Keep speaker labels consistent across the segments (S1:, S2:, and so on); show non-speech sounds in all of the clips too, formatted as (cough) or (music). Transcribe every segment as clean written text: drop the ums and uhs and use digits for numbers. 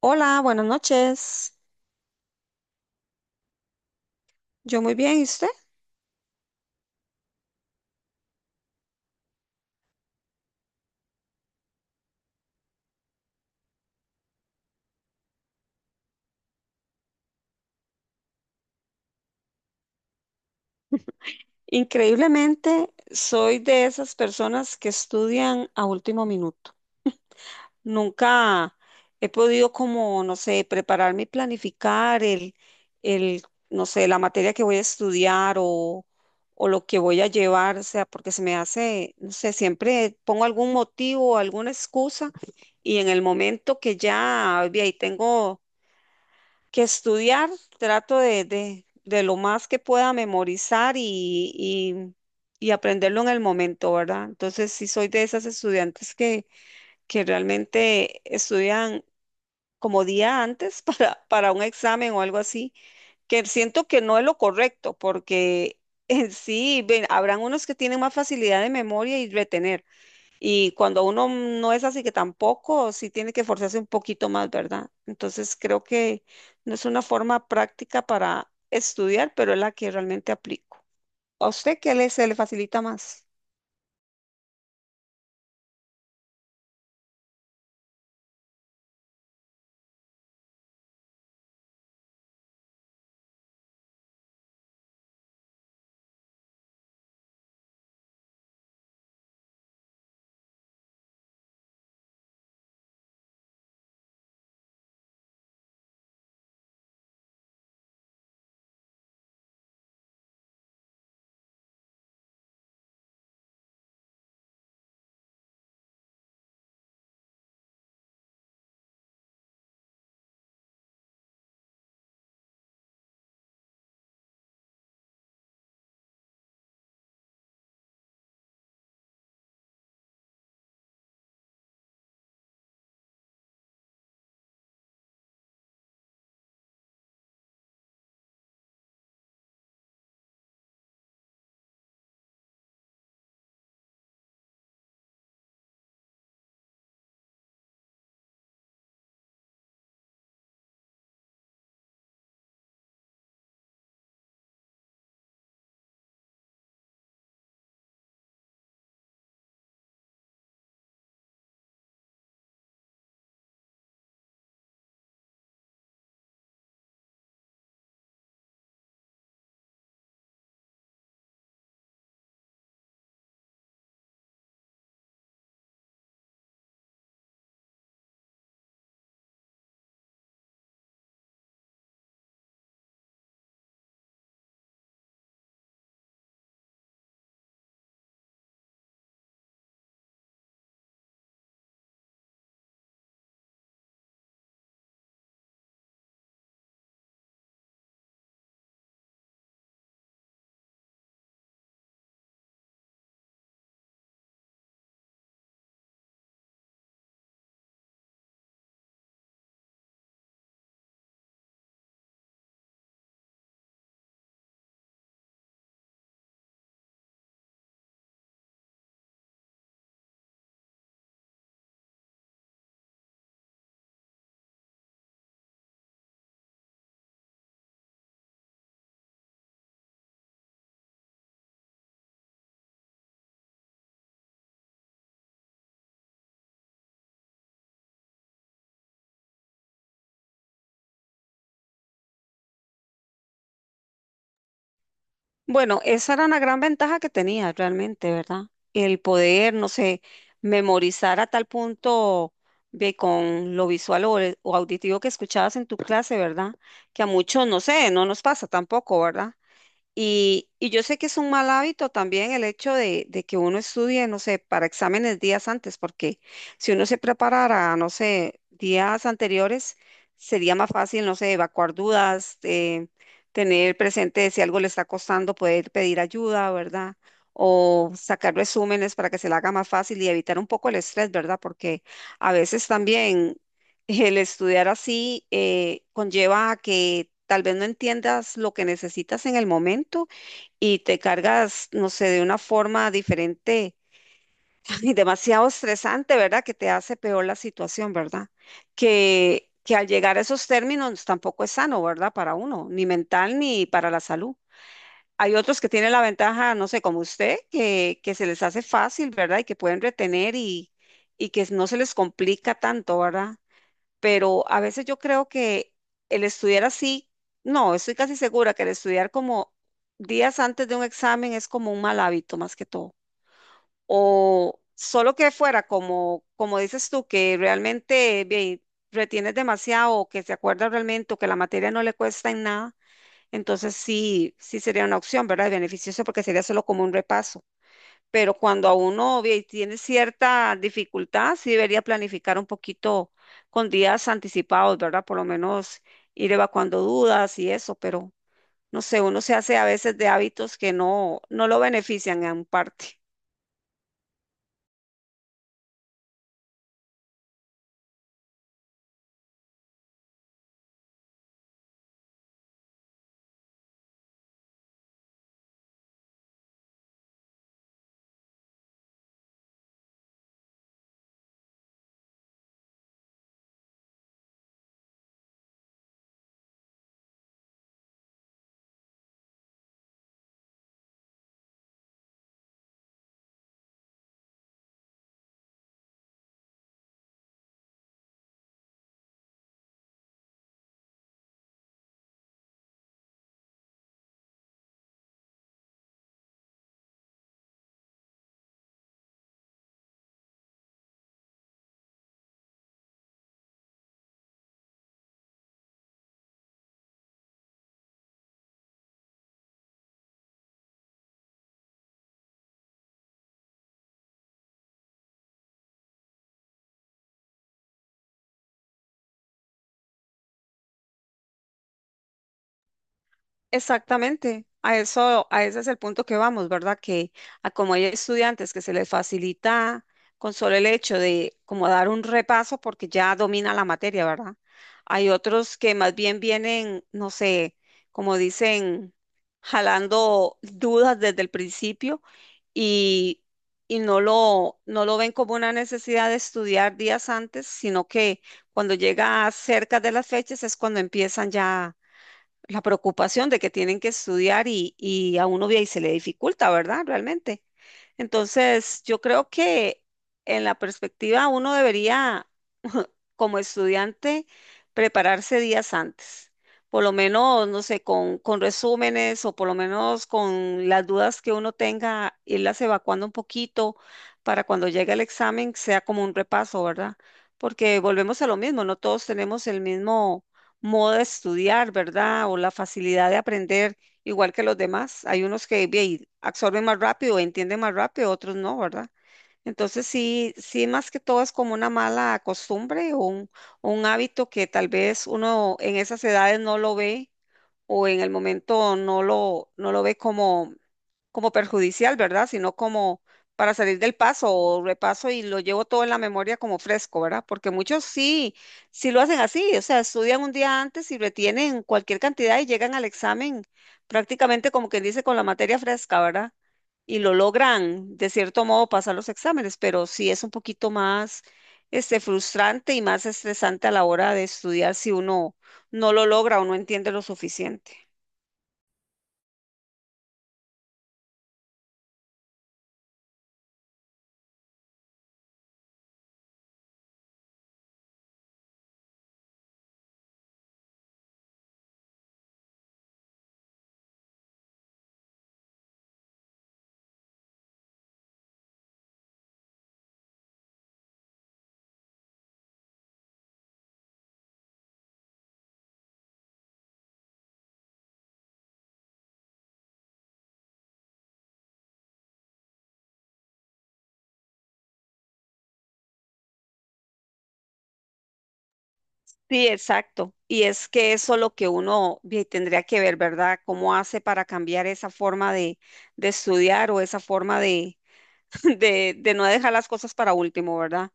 S1: Hola, buenas noches. Yo muy bien, ¿y usted? Increíblemente, soy de esas personas que estudian a último minuto. Nunca he podido como, no sé, prepararme y planificar el, no sé, la materia que voy a estudiar o lo que voy a llevar, o sea, porque se me hace, no sé, siempre pongo algún motivo, alguna excusa y en el momento que ya, ve, ahí tengo que estudiar, trato de lo más que pueda memorizar y aprenderlo en el momento, ¿verdad? Entonces, sí soy de esas estudiantes que realmente estudian como día antes (laughs) para un examen o algo así, que siento que no es lo correcto, porque (laughs) en sí, ven, habrán unos que tienen más facilidad de memoria y retener y cuando uno no es así que tampoco, sí tiene que forzarse un poquito más, ¿verdad? Entonces creo que no es una forma práctica para estudiar, pero es la que realmente aplico. ¿A usted qué le, se le facilita más? Bueno, esa era una gran ventaja que tenía realmente, ¿verdad? El poder, no sé, memorizar a tal punto de con lo visual o auditivo que escuchabas en tu clase, ¿verdad? Que a muchos, no sé, no nos pasa tampoco, ¿verdad? Y yo sé que es un mal hábito también el hecho de que uno estudie, no sé, para exámenes días antes, porque si uno se preparara, no sé, días anteriores, sería más fácil, no sé, evacuar dudas, tener presente si algo le está costando, poder pedir ayuda, ¿verdad? O sacar resúmenes para que se le haga más fácil y evitar un poco el estrés, ¿verdad? Porque a veces también el estudiar así conlleva a que tal vez no entiendas lo que necesitas en el momento y te cargas, no sé, de una forma diferente (laughs) y demasiado estresante, ¿verdad? Que te hace peor la situación, ¿verdad? Que al llegar a esos términos tampoco es sano, ¿verdad? Para uno, ni mental ni para la salud. Hay otros que tienen la ventaja, no sé, como usted, que se les hace fácil, ¿verdad? Y que pueden retener y que no se les complica tanto, ¿verdad? Pero a veces yo creo que el estudiar así, no, estoy casi segura que el estudiar como días antes de un examen es como un mal hábito más que todo. O solo que fuera como, como dices tú, que realmente ve, retienes demasiado o que se acuerda realmente o que la materia no le cuesta en nada, entonces sí, sí sería una opción, ¿verdad? Y beneficioso porque sería solo como un repaso pero cuando a uno tiene cierta dificultad, sí debería planificar un poquito con días anticipados, ¿verdad? Por lo menos ir evacuando dudas y eso, pero no sé, uno se hace a veces de hábitos que no, no lo benefician en parte. Exactamente, a eso, a ese es el punto que vamos, ¿verdad? Que a como hay estudiantes que se les facilita con solo el hecho de como dar un repaso porque ya domina la materia, ¿verdad? Hay otros que más bien vienen, no sé, como dicen, jalando dudas desde el principio y, y no lo, ven como una necesidad de estudiar días antes, sino que cuando llega cerca de las fechas es cuando empiezan ya la preocupación de que tienen que estudiar y a uno ve y se le dificulta, ¿verdad? Realmente. Entonces, yo creo que en la perspectiva uno debería como estudiante prepararse días antes, por lo menos, no sé, con resúmenes o por lo menos con las dudas que uno tenga, irlas evacuando un poquito para cuando llegue el examen sea como un repaso, ¿verdad? Porque volvemos a lo mismo, no todos tenemos el mismo modo de estudiar, ¿verdad? O la facilidad de aprender igual que los demás. Hay unos que bien, absorben más rápido, entienden más rápido, otros no, ¿verdad? Entonces sí, sí, más que todo es como una mala costumbre o un hábito que tal vez uno en esas edades no lo ve o en el momento no lo, ve como perjudicial, ¿verdad? Sino como para salir del paso o repaso y lo llevo todo en la memoria como fresco, ¿verdad? Porque muchos sí, sí lo hacen así, o sea, estudian un día antes y retienen cualquier cantidad y llegan al examen prácticamente como quien dice con la materia fresca, ¿verdad? Y lo logran de cierto modo pasar los exámenes, pero sí es un poquito más este, frustrante y más estresante a la hora de estudiar si uno no lo logra o no entiende lo suficiente. Sí, exacto. Y es que eso lo que uno tendría que ver, ¿verdad? ¿Cómo hace para cambiar esa forma de estudiar o esa forma de, (laughs) de no dejar las cosas para último, ¿verdad?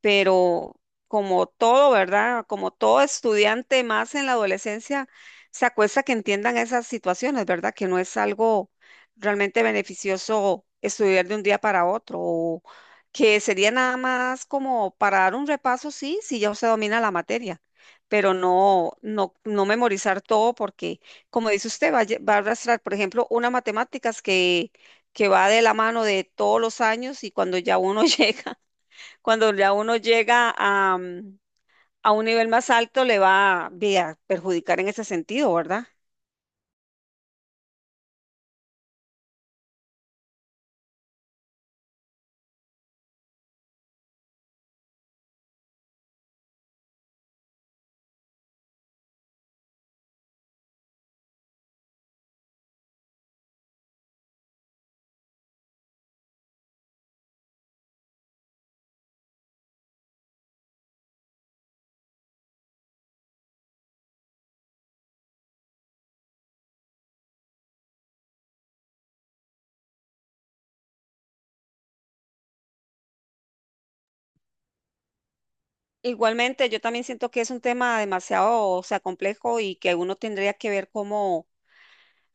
S1: Pero como todo, ¿verdad? Como todo estudiante más en la adolescencia, se acuesta que entiendan esas situaciones, ¿verdad? Que no es algo realmente beneficioso estudiar de un día para otro, o que sería nada más como para dar un repaso, sí, si ya se domina la materia. Pero no, no, no memorizar todo porque, como dice usted, va a, arrastrar, por ejemplo, una matemáticas que va de la mano de todos los años y cuando ya uno (laughs) llega, cuando ya uno llega a un nivel más alto, le va ve, a perjudicar en ese sentido, ¿verdad? Igualmente, yo también siento que es un tema demasiado, o sea, complejo y que uno tendría que ver cómo,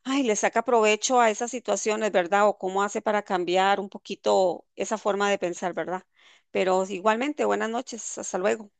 S1: ay, le saca provecho a esas situaciones, ¿verdad? O cómo hace para cambiar un poquito esa forma de pensar, ¿verdad? Pero igualmente, buenas noches, hasta luego.